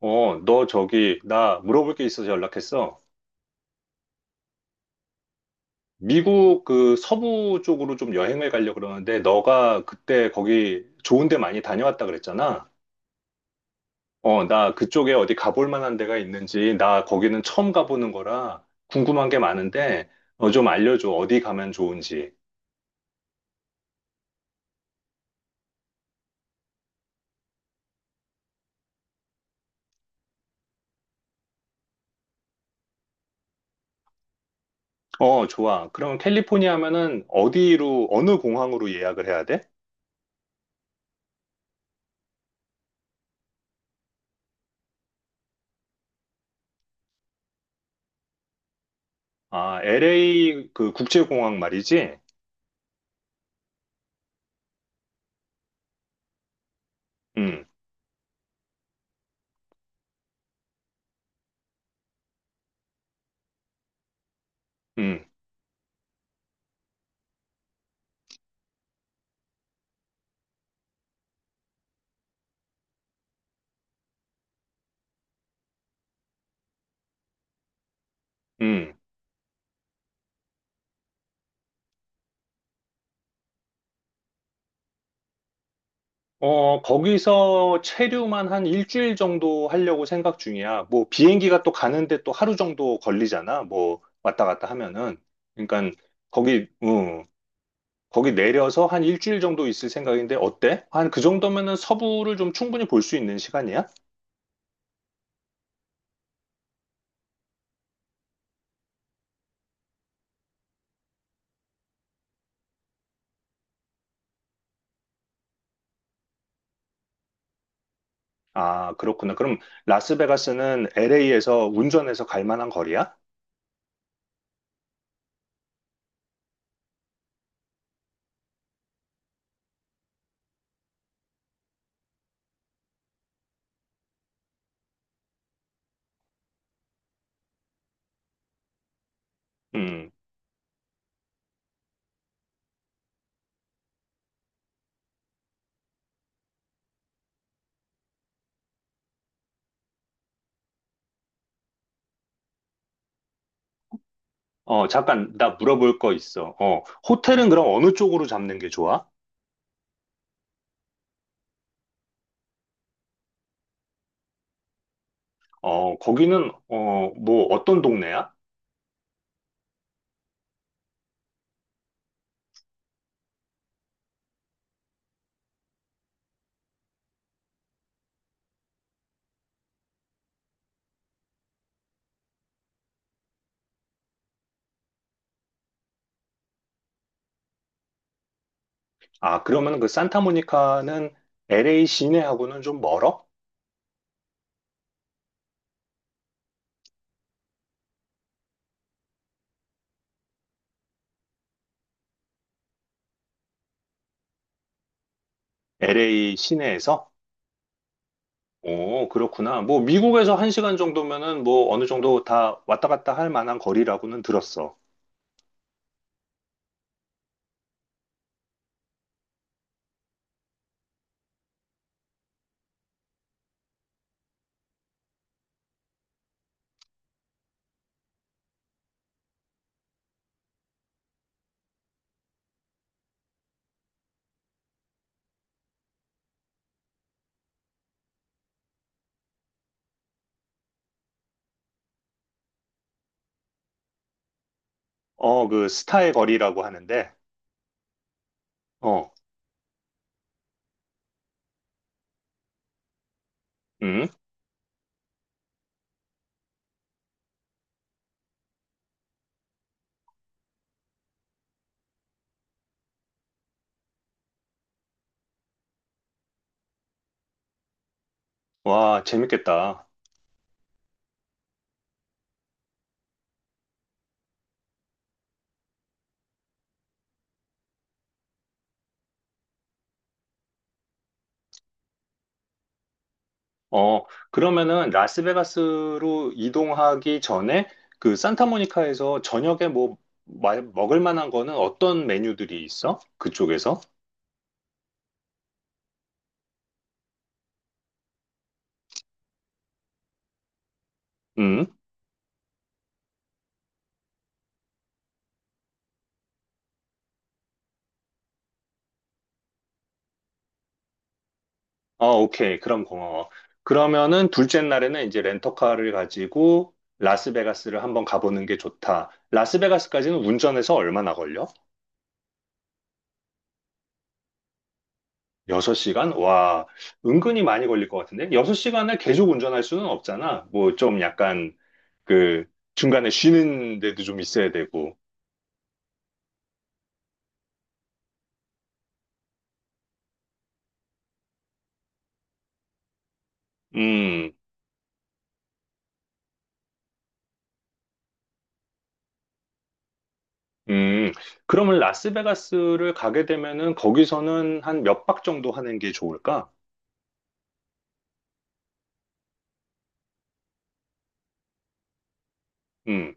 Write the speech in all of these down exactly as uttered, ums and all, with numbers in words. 어, 너 저기, 나 물어볼 게 있어서 연락했어. 미국 그 서부 쪽으로 좀 여행을 가려고 그러는데, 너가 그때 거기 좋은 데 많이 다녀왔다 그랬잖아. 어, 나 그쪽에 어디 가볼 만한 데가 있는지, 나 거기는 처음 가보는 거라 궁금한 게 많은데, 어, 좀 알려줘. 어디 가면 좋은지. 어, 좋아. 그럼 캘리포니아 하면은 어디로, 어느 공항으로 예약을 해야 돼? 아, 엘에이 그 국제공항 말이지? 응, 응, 응. 어, 거기서 체류만 한 일주일 정도 하려고 생각 중이야. 뭐, 비행기가 또 가는데 또 하루 정도 걸리잖아. 뭐, 왔다 갔다 하면은. 그러니까, 거기, 음, 거기 내려서 한 일주일 정도 있을 생각인데, 어때? 한 그 정도면은 서부를 좀 충분히 볼 수 있는 시간이야? 아, 그렇구나. 그럼 라스베가스는 엘에이에서 운전해서 갈 만한 거리야? 음, 어, 잠깐, 나 물어볼 거 있어. 어, 호텔은 그럼 어느 쪽으로 잡는 게 좋아? 어, 거기는, 어, 뭐, 어떤 동네야? 아, 그러면 그 산타모니카는 엘에이 시내하고는 좀 멀어? 엘에이 시내에서? 오, 그렇구나. 뭐, 미국에서 한 시간 정도면은 뭐, 어느 정도 다 왔다 갔다 할 만한 거리라고는 들었어. 어, 그, 스타의 거리라고 하는데, 어, 음, 와, 재밌겠다. 어, 그러면은 라스베가스로 이동하기 전에 그 산타모니카에서 저녁에 뭐 마- 먹을 만한 거는 어떤 메뉴들이 있어? 그쪽에서? 음. 어 오케이. 그럼 고마워. 그러면은 둘째 날에는 이제 렌터카를 가지고 라스베가스를 한번 가보는 게 좋다. 라스베가스까지는 운전해서 얼마나 걸려? 여섯 시간? 와, 은근히 많이 걸릴 것 같은데? 여섯 시간을 계속 운전할 수는 없잖아. 뭐 좀 약간 그 중간에 쉬는 데도 좀 있어야 되고. 음, 음. 그러면 라스베가스를 가게 되면은 거기서는 한 몇 박 정도 하는 게 좋을까? 음.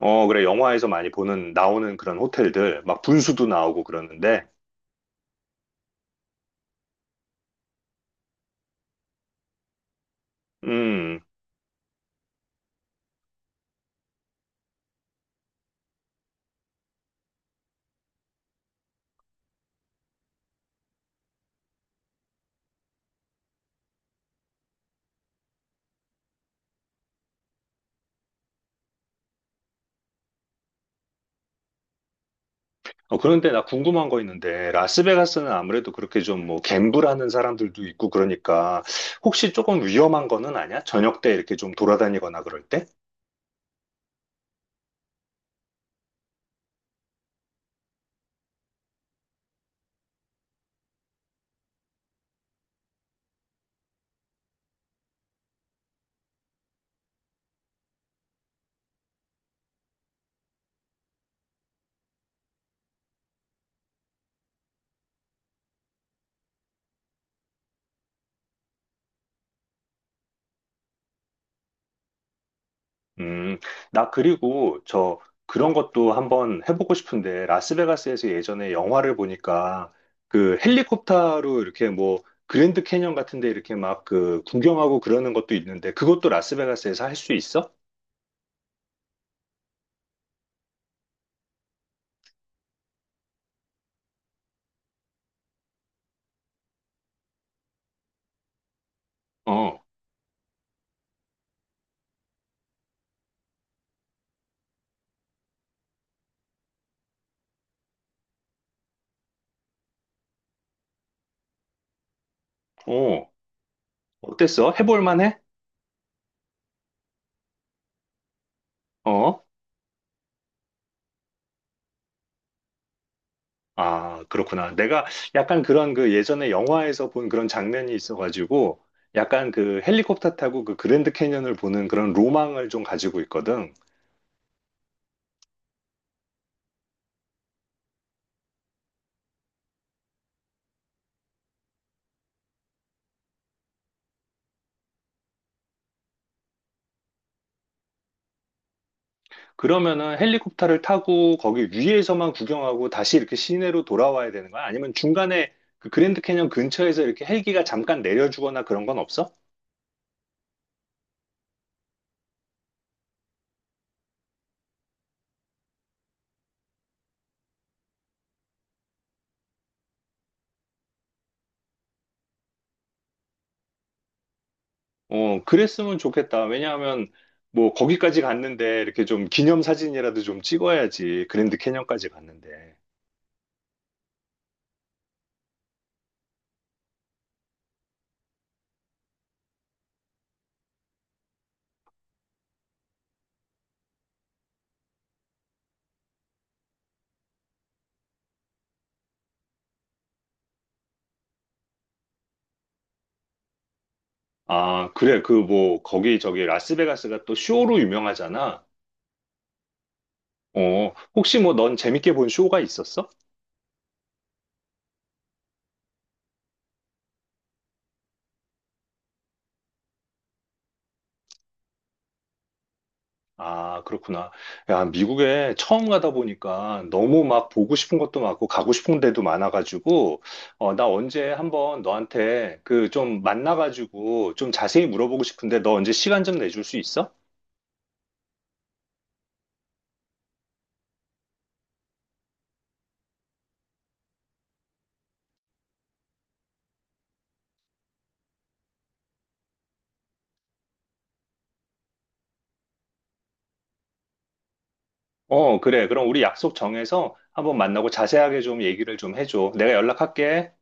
어, 그래. 영화에서 많이 보는 나오는 그런 호텔들 막 분수도 나오고 그러는데. 음. 어, 그런데 나 궁금한 거 있는데 라스베가스는 아무래도 그렇게 좀 뭐 갬블하는 사람들도 있고 그러니까 혹시 조금 위험한 거는 아니야? 저녁 때 이렇게 좀 돌아다니거나 그럴 때? 음, 나 그리고 저 그런 것도 한번 해보고 싶은데, 라스베가스에서 예전에 영화를 보니까 그 헬리콥터로 이렇게 뭐 그랜드 캐년 같은 데 이렇게 막 그 구경하고 그러는 것도 있는데, 그것도 라스베가스에서 할 수 있어? 어, 어, 어땠어? 해볼 만해? 어, 아, 그렇구나. 내가 약간 그런 그 예전에 영화에서 본 그런 장면이 있어가지고, 약간 그 헬리콥터 타고 그 그랜드 캐년을 보는 그런 로망을 좀 가지고 있거든. 그러면은 헬리콥터를 타고 거기 위에서만 구경하고 다시 이렇게 시내로 돌아와야 되는 거야? 아니면 중간에 그 그랜드 캐년 근처에서 이렇게 헬기가 잠깐 내려주거나 그런 건 없어? 어, 그랬으면 좋겠다. 왜냐하면 뭐 거기까지 갔는데 이렇게 좀 기념 사진이라도 좀 찍어야지. 그랜드 캐년까지 갔는데. 아, 그래. 그 뭐 거기 저기 라스베가스가 또 쇼로 유명하잖아. 어, 혹시 뭐 넌 재밌게 본 쇼가 있었어? 아, 그렇구나. 야, 미국에 처음 가다 보니까 너무 막 보고 싶은 것도 많고 가고 싶은 데도 많아가지고, 어, 나 언제 한번 너한테 그 좀 만나가지고 좀 자세히 물어보고 싶은데 너 언제 시간 좀 내줄 수 있어? 어, 그래. 그럼 우리 약속 정해서 한번 만나고 자세하게 좀 얘기를 좀 해줘. 내가 연락할게.